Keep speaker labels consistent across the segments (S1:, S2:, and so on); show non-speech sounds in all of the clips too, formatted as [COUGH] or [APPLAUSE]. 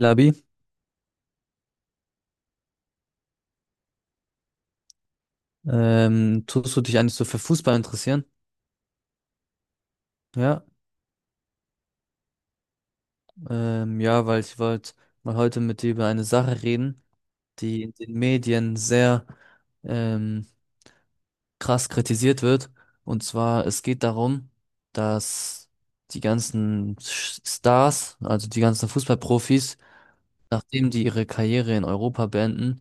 S1: Labi, tust du dich eigentlich so für Fußball interessieren? Ja, ja, weil ich wollte mal heute mit dir über eine Sache reden, die in den Medien sehr ähm, krass kritisiert wird. Und zwar, es geht darum, dass die ganzen Stars, also die ganzen Fußballprofis, nachdem die ihre Karriere in Europa beenden,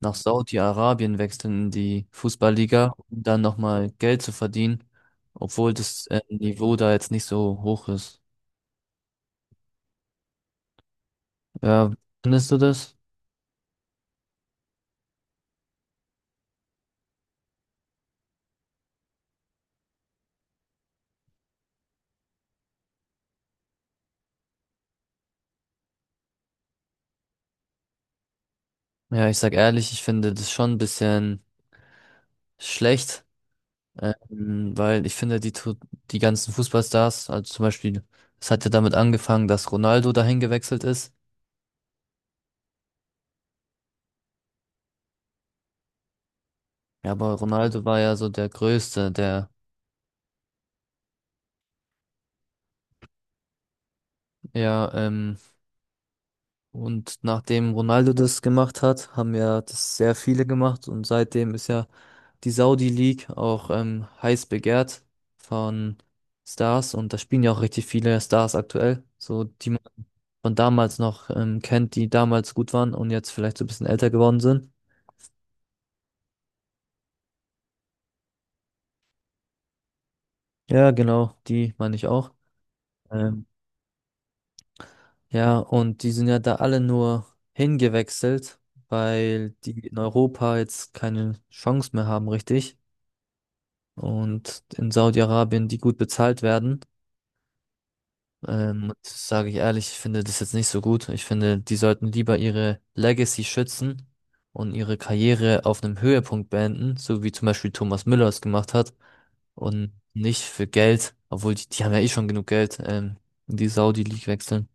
S1: nach Saudi-Arabien wechseln in die Fußballliga, um dann nochmal Geld zu verdienen, obwohl das Niveau da jetzt nicht so hoch ist. Ja, findest du das? Ja, ich sag ehrlich, ich finde das schon ein bisschen schlecht, weil ich finde, die ganzen Fußballstars, also zum Beispiel, es hat ja damit angefangen, dass Ronaldo dahin gewechselt ist. Ja, aber Ronaldo war ja so der Größte, der, ja, und nachdem Ronaldo das gemacht hat, haben ja das sehr viele gemacht und seitdem ist ja die Saudi League auch heiß begehrt von Stars, und da spielen ja auch richtig viele Stars aktuell, so die man von damals noch kennt, die damals gut waren und jetzt vielleicht so ein bisschen älter geworden sind. Ja, genau, die meine ich auch. Ähm, ja, und die sind ja da alle nur hingewechselt, weil die in Europa jetzt keine Chance mehr haben, richtig. Und in Saudi-Arabien, die gut bezahlt werden. Das sage ich ehrlich, ich finde das jetzt nicht so gut. Ich finde, die sollten lieber ihre Legacy schützen und ihre Karriere auf einem Höhepunkt beenden, so wie zum Beispiel Thomas Müller es gemacht hat, und nicht für Geld, obwohl die, die haben ja eh schon genug Geld, in die Saudi-League wechseln.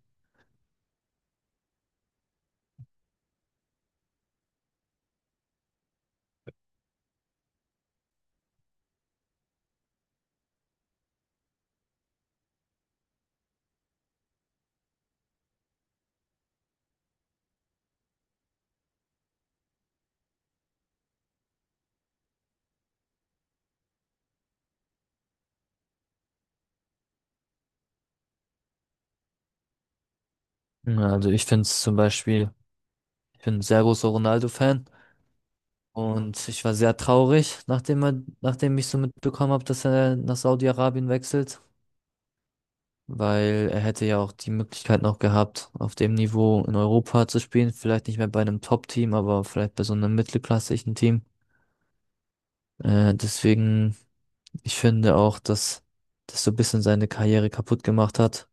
S1: Ja, also ich finde es zum Beispiel, ich bin ein sehr großer Ronaldo-Fan, und ich war sehr traurig, nachdem er, nachdem ich so mitbekommen habe, dass er nach Saudi-Arabien wechselt. Weil er hätte ja auch die Möglichkeit noch gehabt, auf dem Niveau in Europa zu spielen. Vielleicht nicht mehr bei einem Top-Team, aber vielleicht bei so einem mittelklassischen Team. Deswegen, ich finde auch, dass das so ein bisschen seine Karriere kaputt gemacht hat.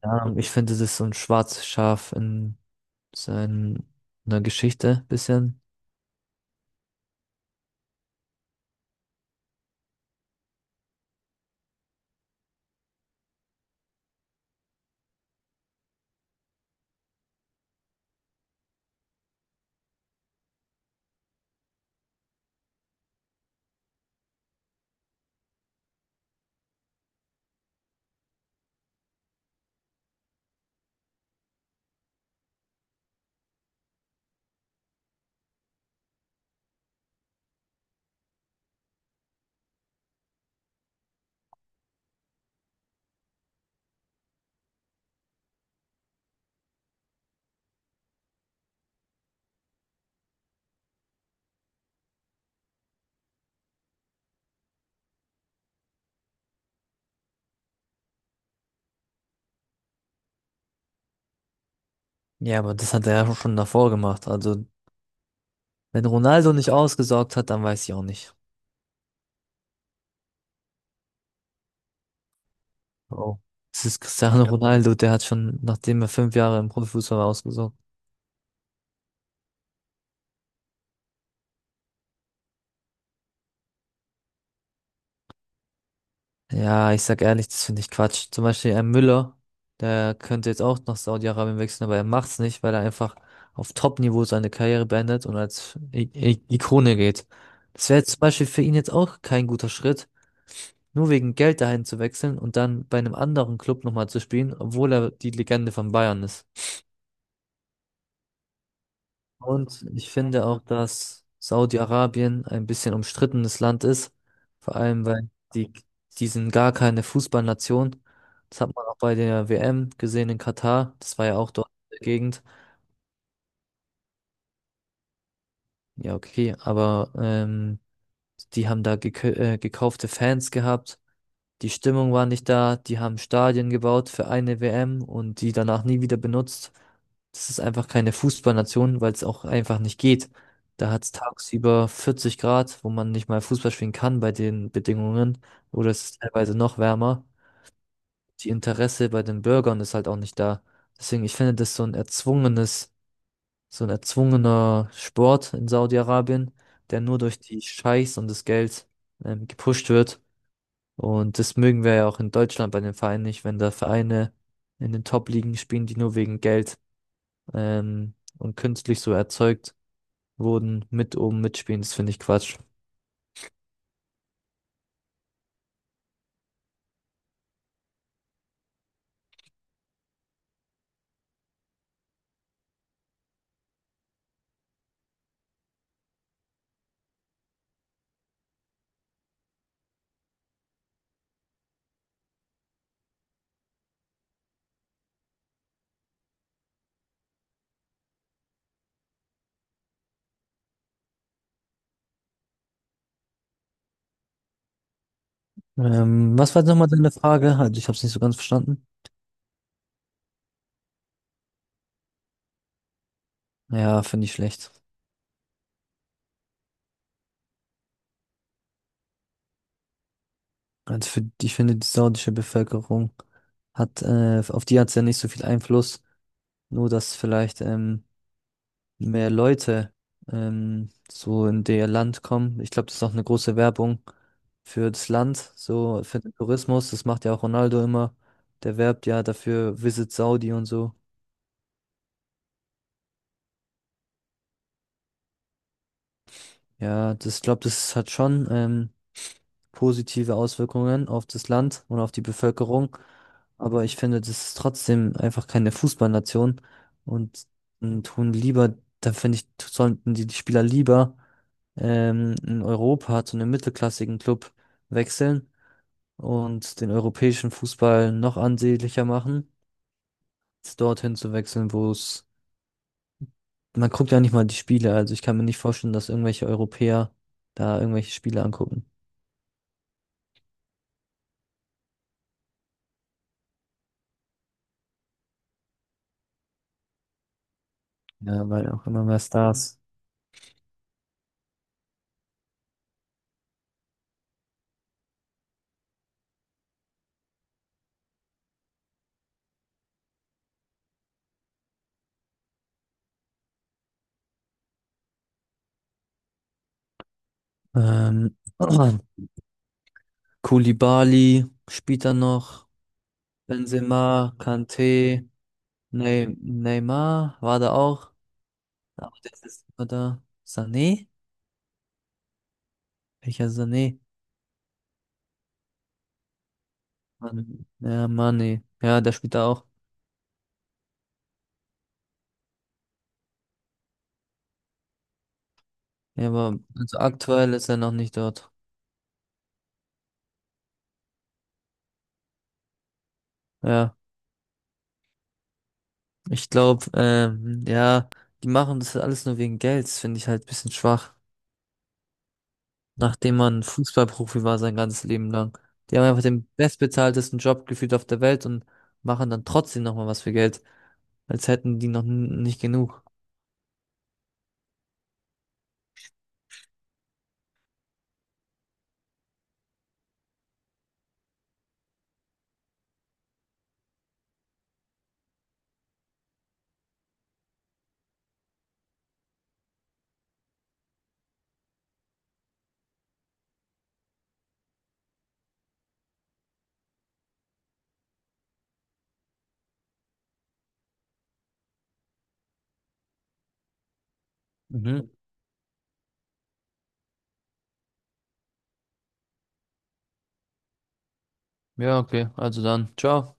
S1: Keine Ahnung, ich finde, das ist so ein schwarzes Schaf in seiner Geschichte bisschen. Ja, aber das hat er ja schon davor gemacht. Also, wenn Ronaldo nicht ausgesorgt hat, dann weiß ich auch nicht. Oh. Es ist Cristiano. Ja, Ronaldo, der hat schon, nachdem er 5 Jahre im Profifußball war, ausgesorgt. Ja, ich sag ehrlich, das finde ich Quatsch. Zum Beispiel ein Müller, der könnte jetzt auch nach Saudi-Arabien wechseln, aber er macht's nicht, weil er einfach auf Top-Niveau seine Karriere beendet und als I I Ikone geht. Das wäre zum Beispiel für ihn jetzt auch kein guter Schritt, nur wegen Geld dahin zu wechseln und dann bei einem anderen Club nochmal zu spielen, obwohl er die Legende von Bayern ist. Und ich finde auch, dass Saudi-Arabien ein bisschen umstrittenes Land ist, vor allem weil die, die sind gar keine Fußballnation. Das hat man auch bei der WM gesehen in Katar. Das war ja auch dort in der Gegend. Ja, okay, aber die haben da gekaufte Fans gehabt. Die Stimmung war nicht da, die haben Stadien gebaut für eine WM und die danach nie wieder benutzt. Das ist einfach keine Fußballnation, weil es auch einfach nicht geht. Da hat es tagsüber 40 Grad, wo man nicht mal Fußball spielen kann bei den Bedingungen. Oder es ist teilweise noch wärmer. Die Interesse bei den Bürgern ist halt auch nicht da. Deswegen, ich finde das so ein erzwungenes, so ein erzwungener Sport in Saudi-Arabien, der nur durch die Scheichs und das Geld gepusht wird. Und das mögen wir ja auch in Deutschland bei den Vereinen nicht, wenn da Vereine in den Top-Ligen spielen, die nur wegen Geld und künstlich so erzeugt wurden, mit oben mitspielen. Das finde ich Quatsch. Was war jetzt nochmal deine Frage? Also ich habe es nicht so ganz verstanden. Ja, finde ich schlecht. Also für, ich finde, die saudische Bevölkerung hat, auf die hat es ja nicht so viel Einfluss. Nur, dass vielleicht mehr Leute so in der Land kommen. Ich glaube, das ist auch eine große Werbung für das Land, so für den Tourismus. Das macht ja auch Ronaldo immer. Der werbt ja dafür Visit Saudi und so. Ja, das, ich glaube, das hat schon positive Auswirkungen auf das Land und auf die Bevölkerung. Aber ich finde, das ist trotzdem einfach keine Fußballnation, und, und tun lieber, da finde ich, sollten die, die Spieler lieber in Europa zu einem mittelklassigen Club wechseln und den europäischen Fußball noch ansehnlicher machen, als dorthin zu wechseln, wo es, man guckt ja nicht mal die Spiele, also ich kann mir nicht vorstellen, dass irgendwelche Europäer da irgendwelche Spiele angucken. Ja, weil auch immer mehr Stars. Ähm, [CLEARS THROAT] Koulibaly spielt da noch. Benzema, Kanté, Neymar war da auch. Aber der ist immer da. Sané? Welcher Sané? Man ja, Mané. Ja, der spielt da auch. Ja, aber also aktuell ist er noch nicht dort. Ja, ich glaube, ja, die machen das alles nur wegen Gelds, finde ich halt ein bisschen schwach. Nachdem man Fußballprofi war sein ganzes Leben lang. Die haben einfach den bestbezahltesten Job gefühlt auf der Welt und machen dann trotzdem nochmal was für Geld, als hätten die noch nicht genug. Mhm. Ja, okay, also dann, ciao.